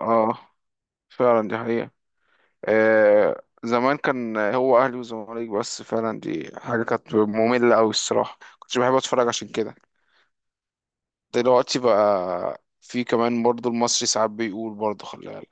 اه، فعلا دي حقيقة. آه، زمان كان هو أهلي وزمالك، بس فعلا دي حاجة كانت مملة أوي الصراحة، كنتش بحب أتفرج عشان كده. دلوقتي بقى في كمان برضو المصري ساعات بيقول برضو خلي بالك.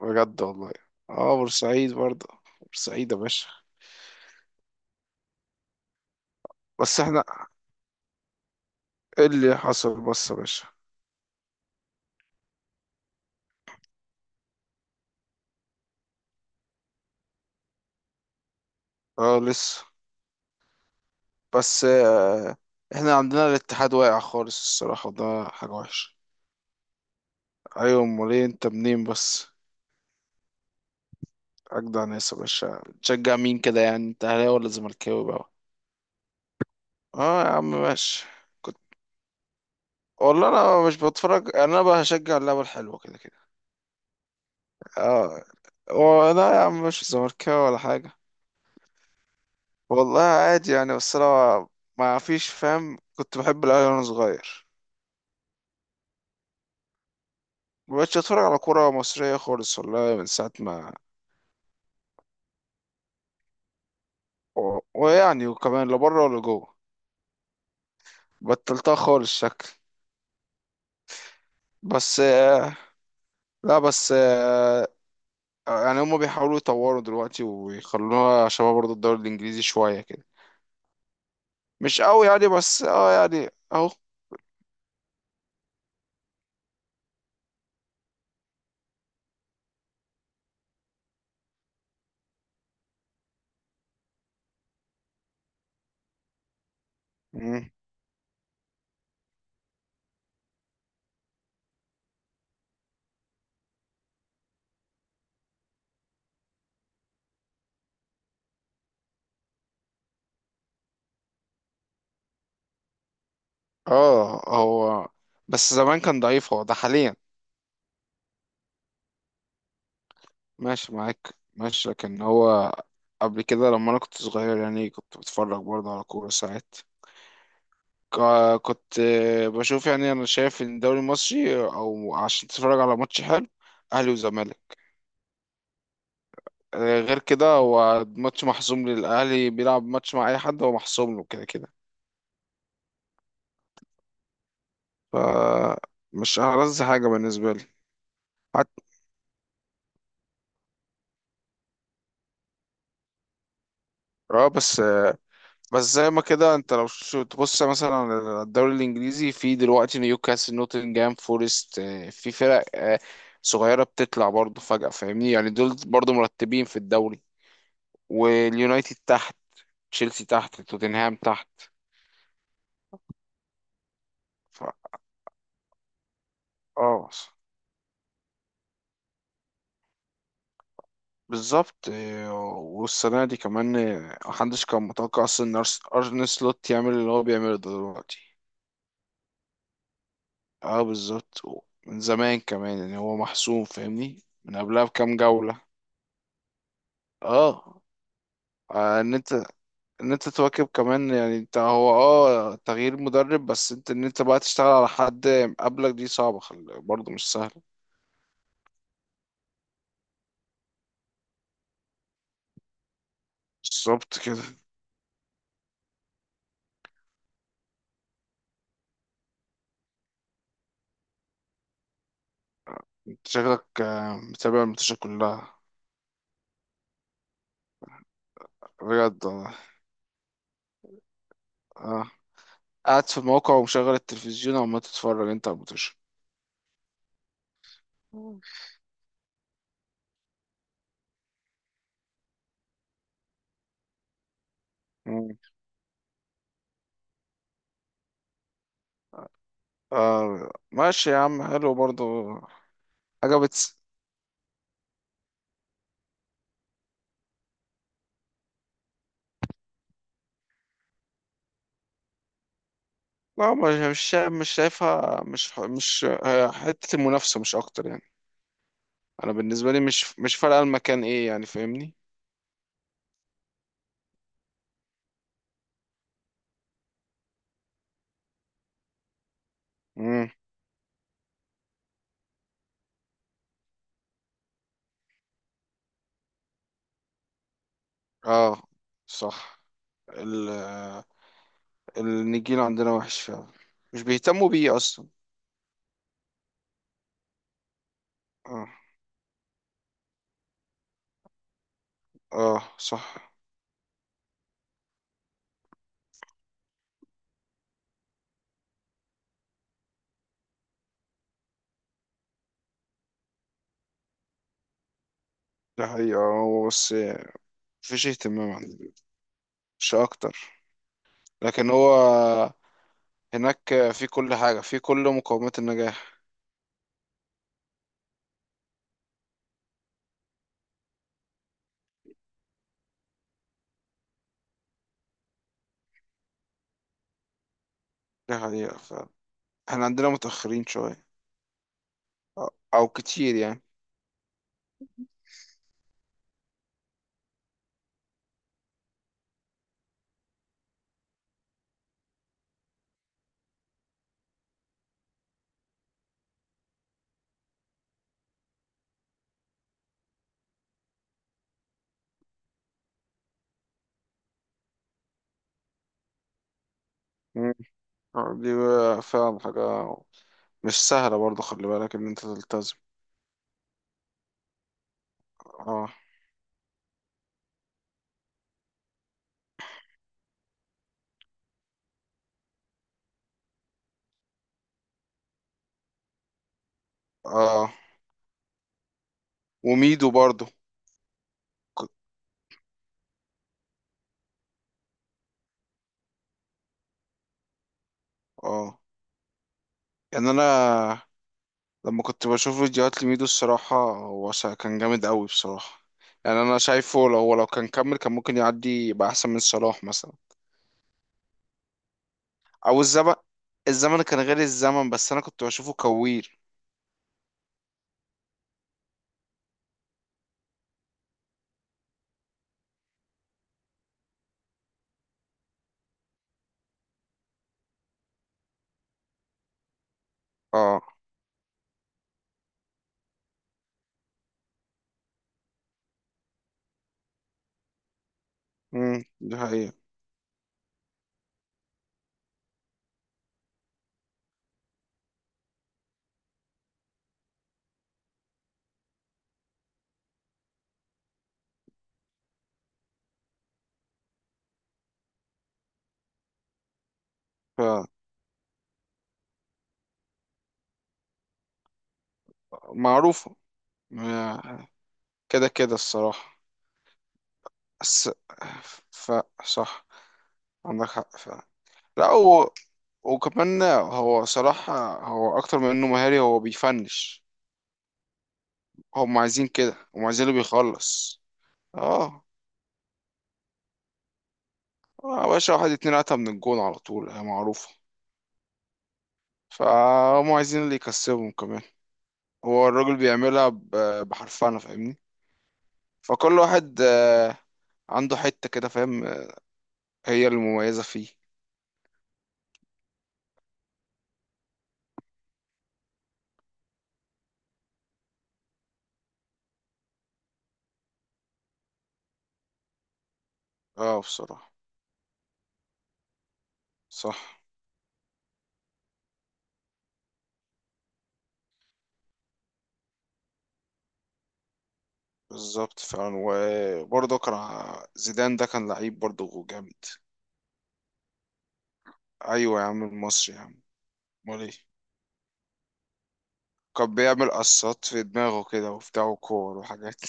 بجد والله. اه، بورسعيد برضو. بورسعيد يا باشا. بس احنا، ايه اللي حصل بس يا باشا؟ اه لسه. بس آه. احنا عندنا الاتحاد واقع خالص الصراحة، وده حاجة وحشة. أيوة، أمال إيه، أنت منين بس؟ أجدع ناس يا باشا. تشجع مين كده يعني؟ أنت أهلاوي ولا زملكاوي بقى؟ أه يا عم ماشي. كنت، والله، أنا مش بتفرج يعني، أنا بقى هشجع اللعبة الحلوة كده كده. أه. هو لا يا عم، مش زملكاوي ولا حاجة. والله عادي يعني، بس أنا ما فيش فاهم، كنت بحب الأهلي وأنا صغير. مبقتش أتفرج على كورة مصرية خالص والله من ساعة ما ويعني وكمان لا بره ولا جوه. بطلتها خالص شكل. بس لا بس يعني هما بيحاولوا يطوروا دلوقتي ويخلوها شبه برضه الدوري الانجليزي شويه كده. مش قوي يعني بس اه يعني اهو. مم. اه هو، بس زمان كان ضعيف، هو ده حاليا. ماشي معاك ماشي، لكن هو قبل كده لما انا كنت صغير يعني كنت بتفرج برضه على كورة ساعات. كنت بشوف يعني، انا شايف ان الدوري المصري او عشان تتفرج على ماتش حلو، اهلي وزمالك. غير كده هو ماتش محسوم للاهلي، بيلعب ماتش مع اي حد هو محسوم له كده كده. فمش ألذ حاجة بالنسبة لي. حت... اه بس، بس زي ما كده انت لو تبص مثلا على الدوري الانجليزي، في دلوقتي نيوكاسل، نوتنجهام فورست، في فرق صغيرة بتطلع برضه فجأة، فاهمني؟ يعني دول برضه مرتبين في الدوري. واليونايتد تحت، تشيلسي تحت، توتنهام تحت. ف... اه بالظبط. والسنة دي كمان، محدش كان متوقع أصلا إن أرن سلوت يعمل اللي هو بيعمله ده دلوقتي. اه بالظبط. من زمان كمان يعني، هو محسوم فاهمني من قبلها بكام جولة. اه. ان انت، ان انت تواكب كمان يعني، انت هو اه تغيير مدرب، بس انت ان انت بقى تشتغل على حد قبلك، دي صعبة. برضه مش سهلة. بالظبط كده. انت شكلك متابع الماتشات كلها. بجد والله. اه، قاعد في الموقع ومشغل التلفزيون عمال تتفرج انت على الماتش. مم. آه ماشي يا عم، حلو برضه. حاجة بتس... لا مش مش شايفها مش حتة المنافسة مش أكتر يعني. أنا بالنسبة لي مش مش فارقة المكان إيه يعني، فاهمني؟ امم. اه صح. ال آه، النجيل عندنا وحش فعلا. مش بيهتموا بيه أصلا. اه. اه صح. ده حقيقة، هو بس مفيش اهتمام عندنا، مش أكتر. لكن هو هناك في كل حاجة، في كل مقومات النجاح. ده حقيقة فعلا، احنا عندنا متأخرين شوية، أو أو كتير يعني. دي بقى فعلا حاجة مش سهلة برضه، خلي بالك إن أنت تلتزم. اه. اه. وميدو برضه. ك- اه يعني، أنا لما كنت بشوف فيديوهات لميدو الصراحة هو كان جامد أوي بصراحة. يعني أنا شايفه، لو هو لو كان كمل كان ممكن يعدي يبقى أحسن من صلاح مثلا. أو الزمن، الزمن كان غير، الزمن بس أنا كنت بشوفه كوير. اه. دي حقيقة. فمعروفة. آه، كده كده الصراحة. بس ف صح، عندك حق فعلا. لا هو، وكمان هو صراحة هو أكتر من إنه مهاري، هو بيفنش. هم عايزين كده، هم عايزين اللي بيخلص. اه. آه يا باشا، واحد اتنين قتم من الجون على طول، هي معروفة. فهم عايزين اللي يكسبهم كمان. هو الراجل بيعملها بحرفنة فاهمني. فكل واحد عنده حتة كده فاهم، هي المميزة فيه. اه بصراحة، صح، بالظبط فعلا. وبرضه كان زيدان، ده كان لعيب برضه جامد. ايوه يا عم، المصري يا عم. امال ايه. كان بيعمل قصات في دماغه كده وبتاع وكور وحاجات.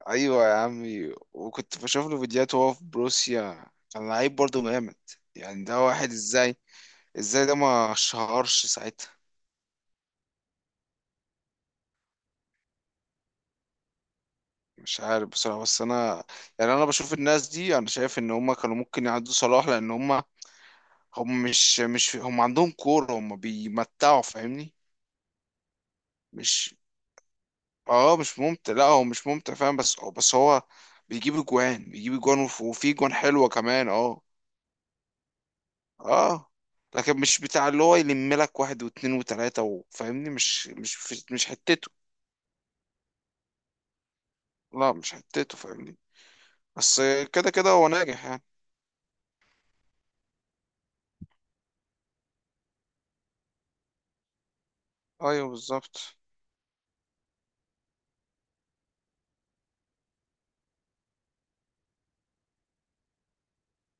ايوه يا عمي، وكنت بشوف له فيديوهات وهو في بروسيا كان لعيب برضه جامد. يعني ده واحد، ازاي، ازاي ده ما شهرش ساعتها؟ مش عارف بصراحة، بس انا يعني انا بشوف الناس دي، انا شايف ان هم كانوا ممكن يعدوا صلاح، لان هم، هم مش مش هم عندهم كورة، هم بيمتعوا فاهمني. مش، اه مش ممتع. لا هو مش ممتع فاهم، بس هو بيجيب اجوان، بيجيب اجوان، وفي اجوان حلوة كمان اه. اه. لكن مش بتاع اللي هو يلم لك واحد واتنين وتلاتة، وفاهمني؟ مش حتته. لا مش حتته فاهمني. بس كده كده هو ناجح يعني. ايوه بالظبط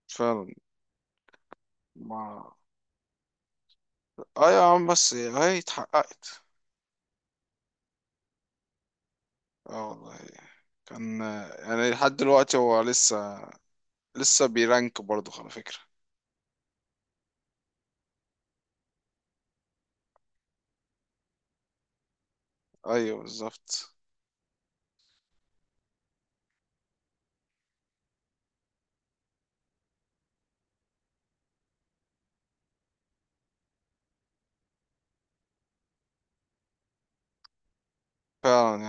فعلا. ما اه يا عم، بس هي اتحققت. اه والله. كان يعني لحد دلوقتي هو لسه، لسه بيرانك برضه على فكرة. ايوه بالظبط فعلا.